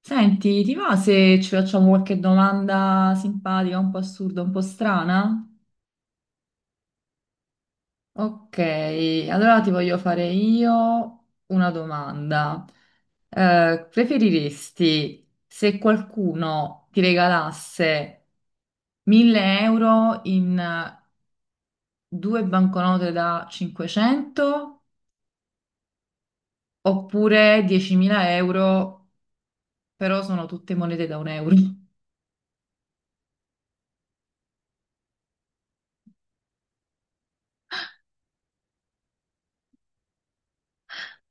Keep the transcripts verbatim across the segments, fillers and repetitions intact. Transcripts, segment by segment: Senti, ti va se ci facciamo qualche domanda simpatica, un po' assurda, un po' strana? Ok, allora ti voglio fare io una domanda. Eh, preferiresti se qualcuno ti regalasse mille euro in eh, due banconote da cinquecento oppure diecimila euro, però sono tutte monete da un euro?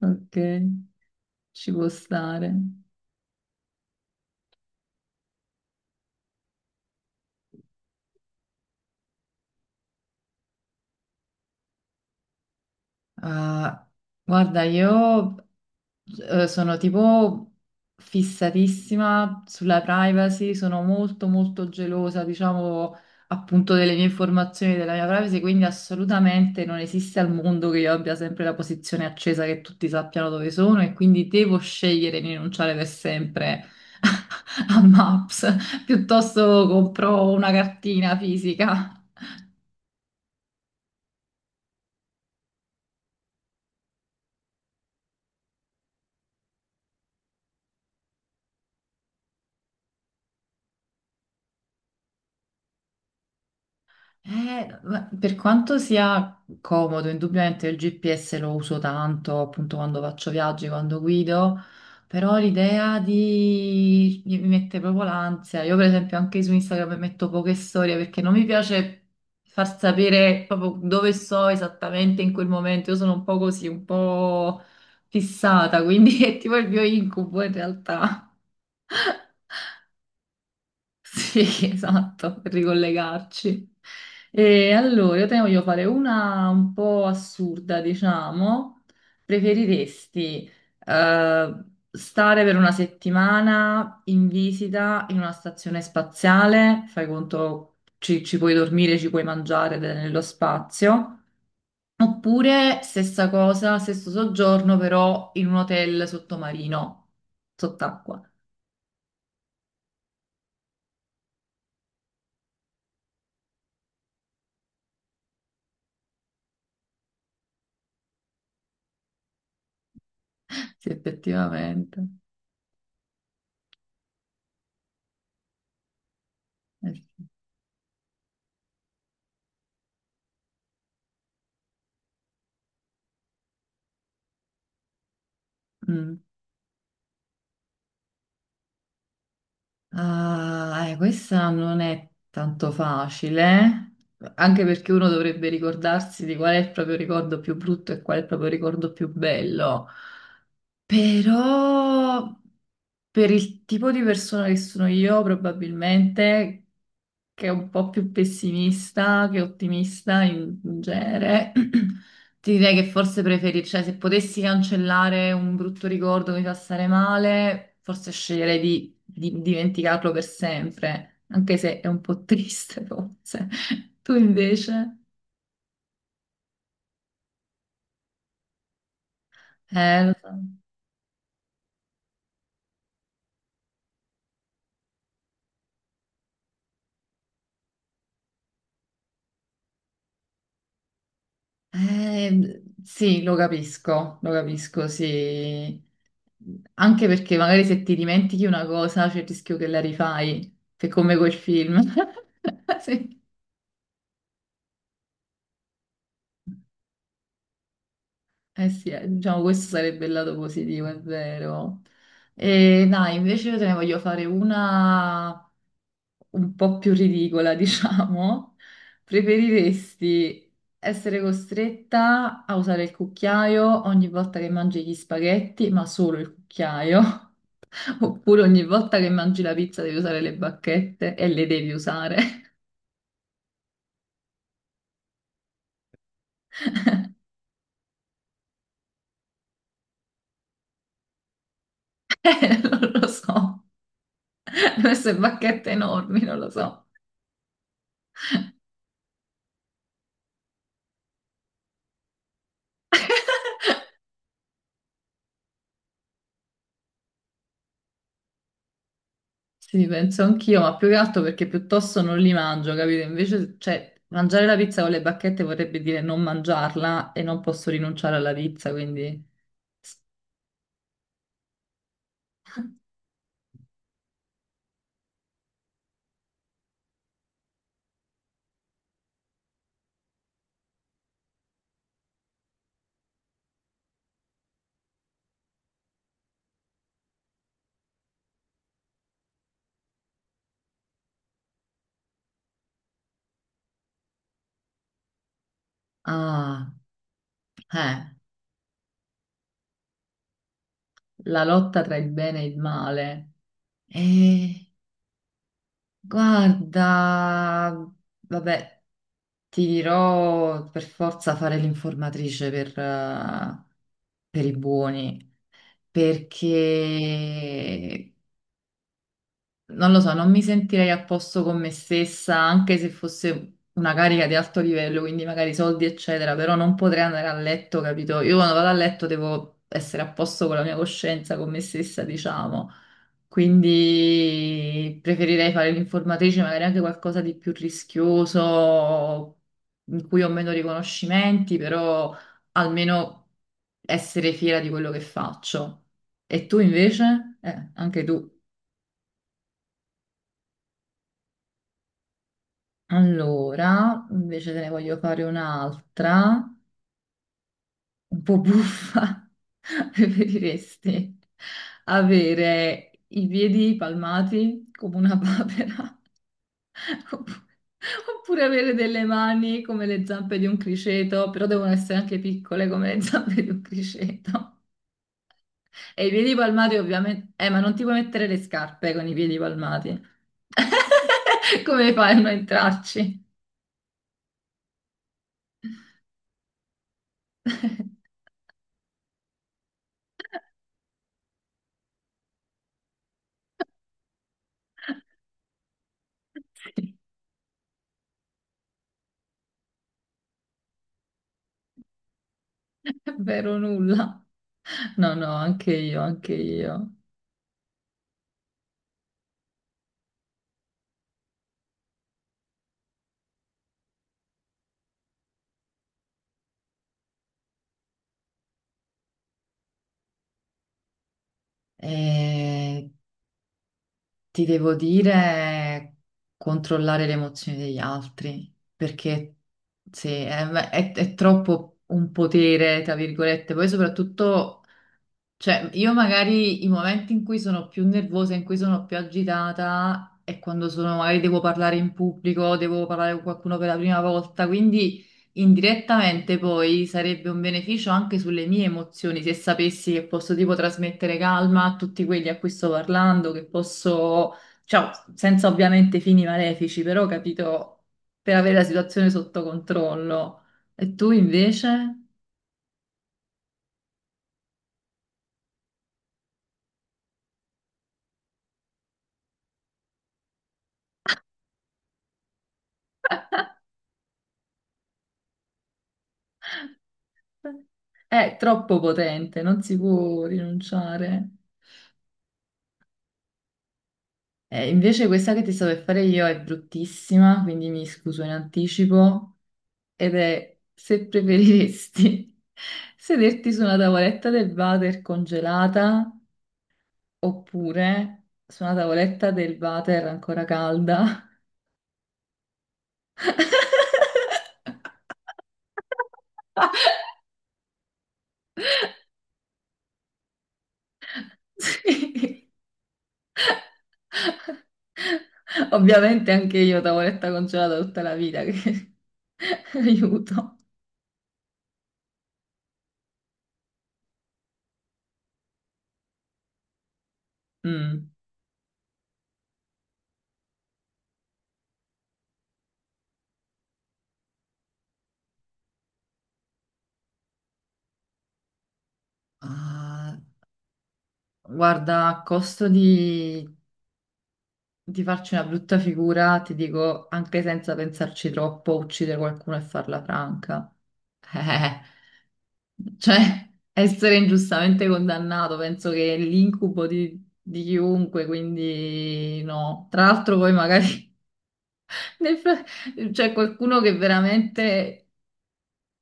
Ok, ci può stare. Ah, guarda, io eh, sono tipo fissatissima sulla privacy, sono molto molto gelosa, diciamo, appunto delle mie informazioni, della mia privacy, quindi assolutamente non esiste al mondo che io abbia sempre la posizione accesa che tutti sappiano dove sono e quindi devo scegliere di rinunciare per sempre a Maps, piuttosto compro una cartina fisica. Eh, ma per quanto sia comodo, indubbiamente il G P S lo uso tanto appunto quando faccio viaggi, quando guido, però l'idea di mi mette proprio l'ansia. Io per esempio anche su Instagram metto poche storie perché non mi piace far sapere proprio dove sto esattamente in quel momento. Io sono un po' così, un po' fissata, quindi è tipo il mio incubo in realtà. Sì, esatto, per ricollegarci. E allora, io te ne voglio fare una un po' assurda, diciamo. Preferiresti eh, stare per una settimana in visita in una stazione spaziale, fai conto, ci, ci puoi dormire, ci puoi mangiare ed è nello spazio, oppure stessa cosa, stesso soggiorno, però in un hotel sottomarino, sott'acqua. Sì, effettivamente. Eh sì. Mm. Ah, eh, questa non è tanto facile, eh. Anche perché uno dovrebbe ricordarsi di qual è il proprio ricordo più brutto e qual è il proprio ricordo più bello. Però per il tipo di persona che sono io, probabilmente che è un po' più pessimista che ottimista in in genere, ti direi che forse preferisci, cioè se potessi cancellare un brutto ricordo che mi fa stare male, forse sceglierei di, di dimenticarlo per sempre, anche se è un po' triste forse. Tu invece? Eh, lo so. Eh, sì, lo capisco, lo capisco, sì. Anche perché magari se ti dimentichi una cosa c'è il rischio che la rifai, che è come quel film. Sì. Eh sì, eh, diciamo questo sarebbe il lato positivo, è vero. E dai, invece io te ne voglio fare una un po' più ridicola, diciamo. Preferiresti essere costretta a usare il cucchiaio ogni volta che mangi gli spaghetti, ma solo il cucchiaio, oppure ogni volta che mangi la pizza devi usare le bacchette e le devi usare? Eh, non lo so, queste bacchette enormi, non lo so. Sì, penso anch'io, ma più che altro perché piuttosto non li mangio, capito? Invece, cioè, mangiare la pizza con le bacchette vorrebbe dire non mangiarla e non posso rinunciare alla pizza, quindi. Ah, eh, la lotta tra il bene e il male. Eh, guarda, vabbè, ti dirò per forza fare l'informatrice per, eh, per i buoni, perché non lo so, non mi sentirei a posto con me stessa, anche se fosse una carica di alto livello, quindi magari soldi, eccetera, però non potrei andare a letto, capito? Io quando vado a letto devo essere a posto con la mia coscienza, con me stessa, diciamo. Quindi preferirei fare l'informatrice, magari anche qualcosa di più rischioso, in cui ho meno riconoscimenti, però almeno essere fiera di quello che faccio. E tu invece? Eh, anche tu. Allora, invece te ne voglio fare un'altra, un po' buffa. Preferiresti avere i piedi palmati come una papera oppu- oppure avere delle mani come le zampe di un criceto, però devono essere anche piccole come le zampe di un criceto. E i piedi palmati ovviamente. Eh, ma non ti puoi mettere le scarpe con i piedi palmati. Come fai a non entrarci? È vero nulla. No, no, anche io, anche io. E ti devo dire controllare le emozioni degli altri, perché sì, è, è- è troppo un potere, tra virgolette, poi soprattutto. Cioè, io magari i momenti in cui sono più nervosa, in cui sono più agitata, è quando sono, magari devo parlare in pubblico, devo parlare con qualcuno per la prima volta, quindi indirettamente poi sarebbe un beneficio anche sulle mie emozioni, se sapessi che posso tipo trasmettere calma a tutti quelli a cui sto parlando, che posso, cioè, senza ovviamente fini malefici, però capito, per avere la situazione sotto controllo. E tu invece? È troppo potente, non si può rinunciare. Eh, invece questa che ti sto per fare io è bruttissima, quindi mi scuso in anticipo, ed è se preferiresti sederti su una tavoletta del water congelata oppure su una tavoletta del water ancora calda. Sì. Ovviamente anche io tavoletta congelata tutta la vita, che aiuto. Mm. Ah, guarda, a costo di, di farci una brutta figura, ti dico anche senza pensarci troppo, uccidere qualcuno e farla franca. Eh, cioè, essere ingiustamente condannato, penso che è l'incubo di, di chiunque, quindi no. Tra l'altro poi magari nel fra- cioè qualcuno che veramente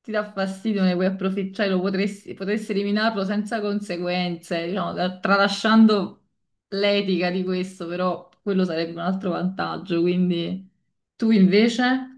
ti dà fastidio, ne puoi approfittare, lo potresti, potresti eliminarlo senza conseguenze, diciamo, da- tralasciando l'etica di questo, però quello sarebbe un altro vantaggio, quindi tu invece?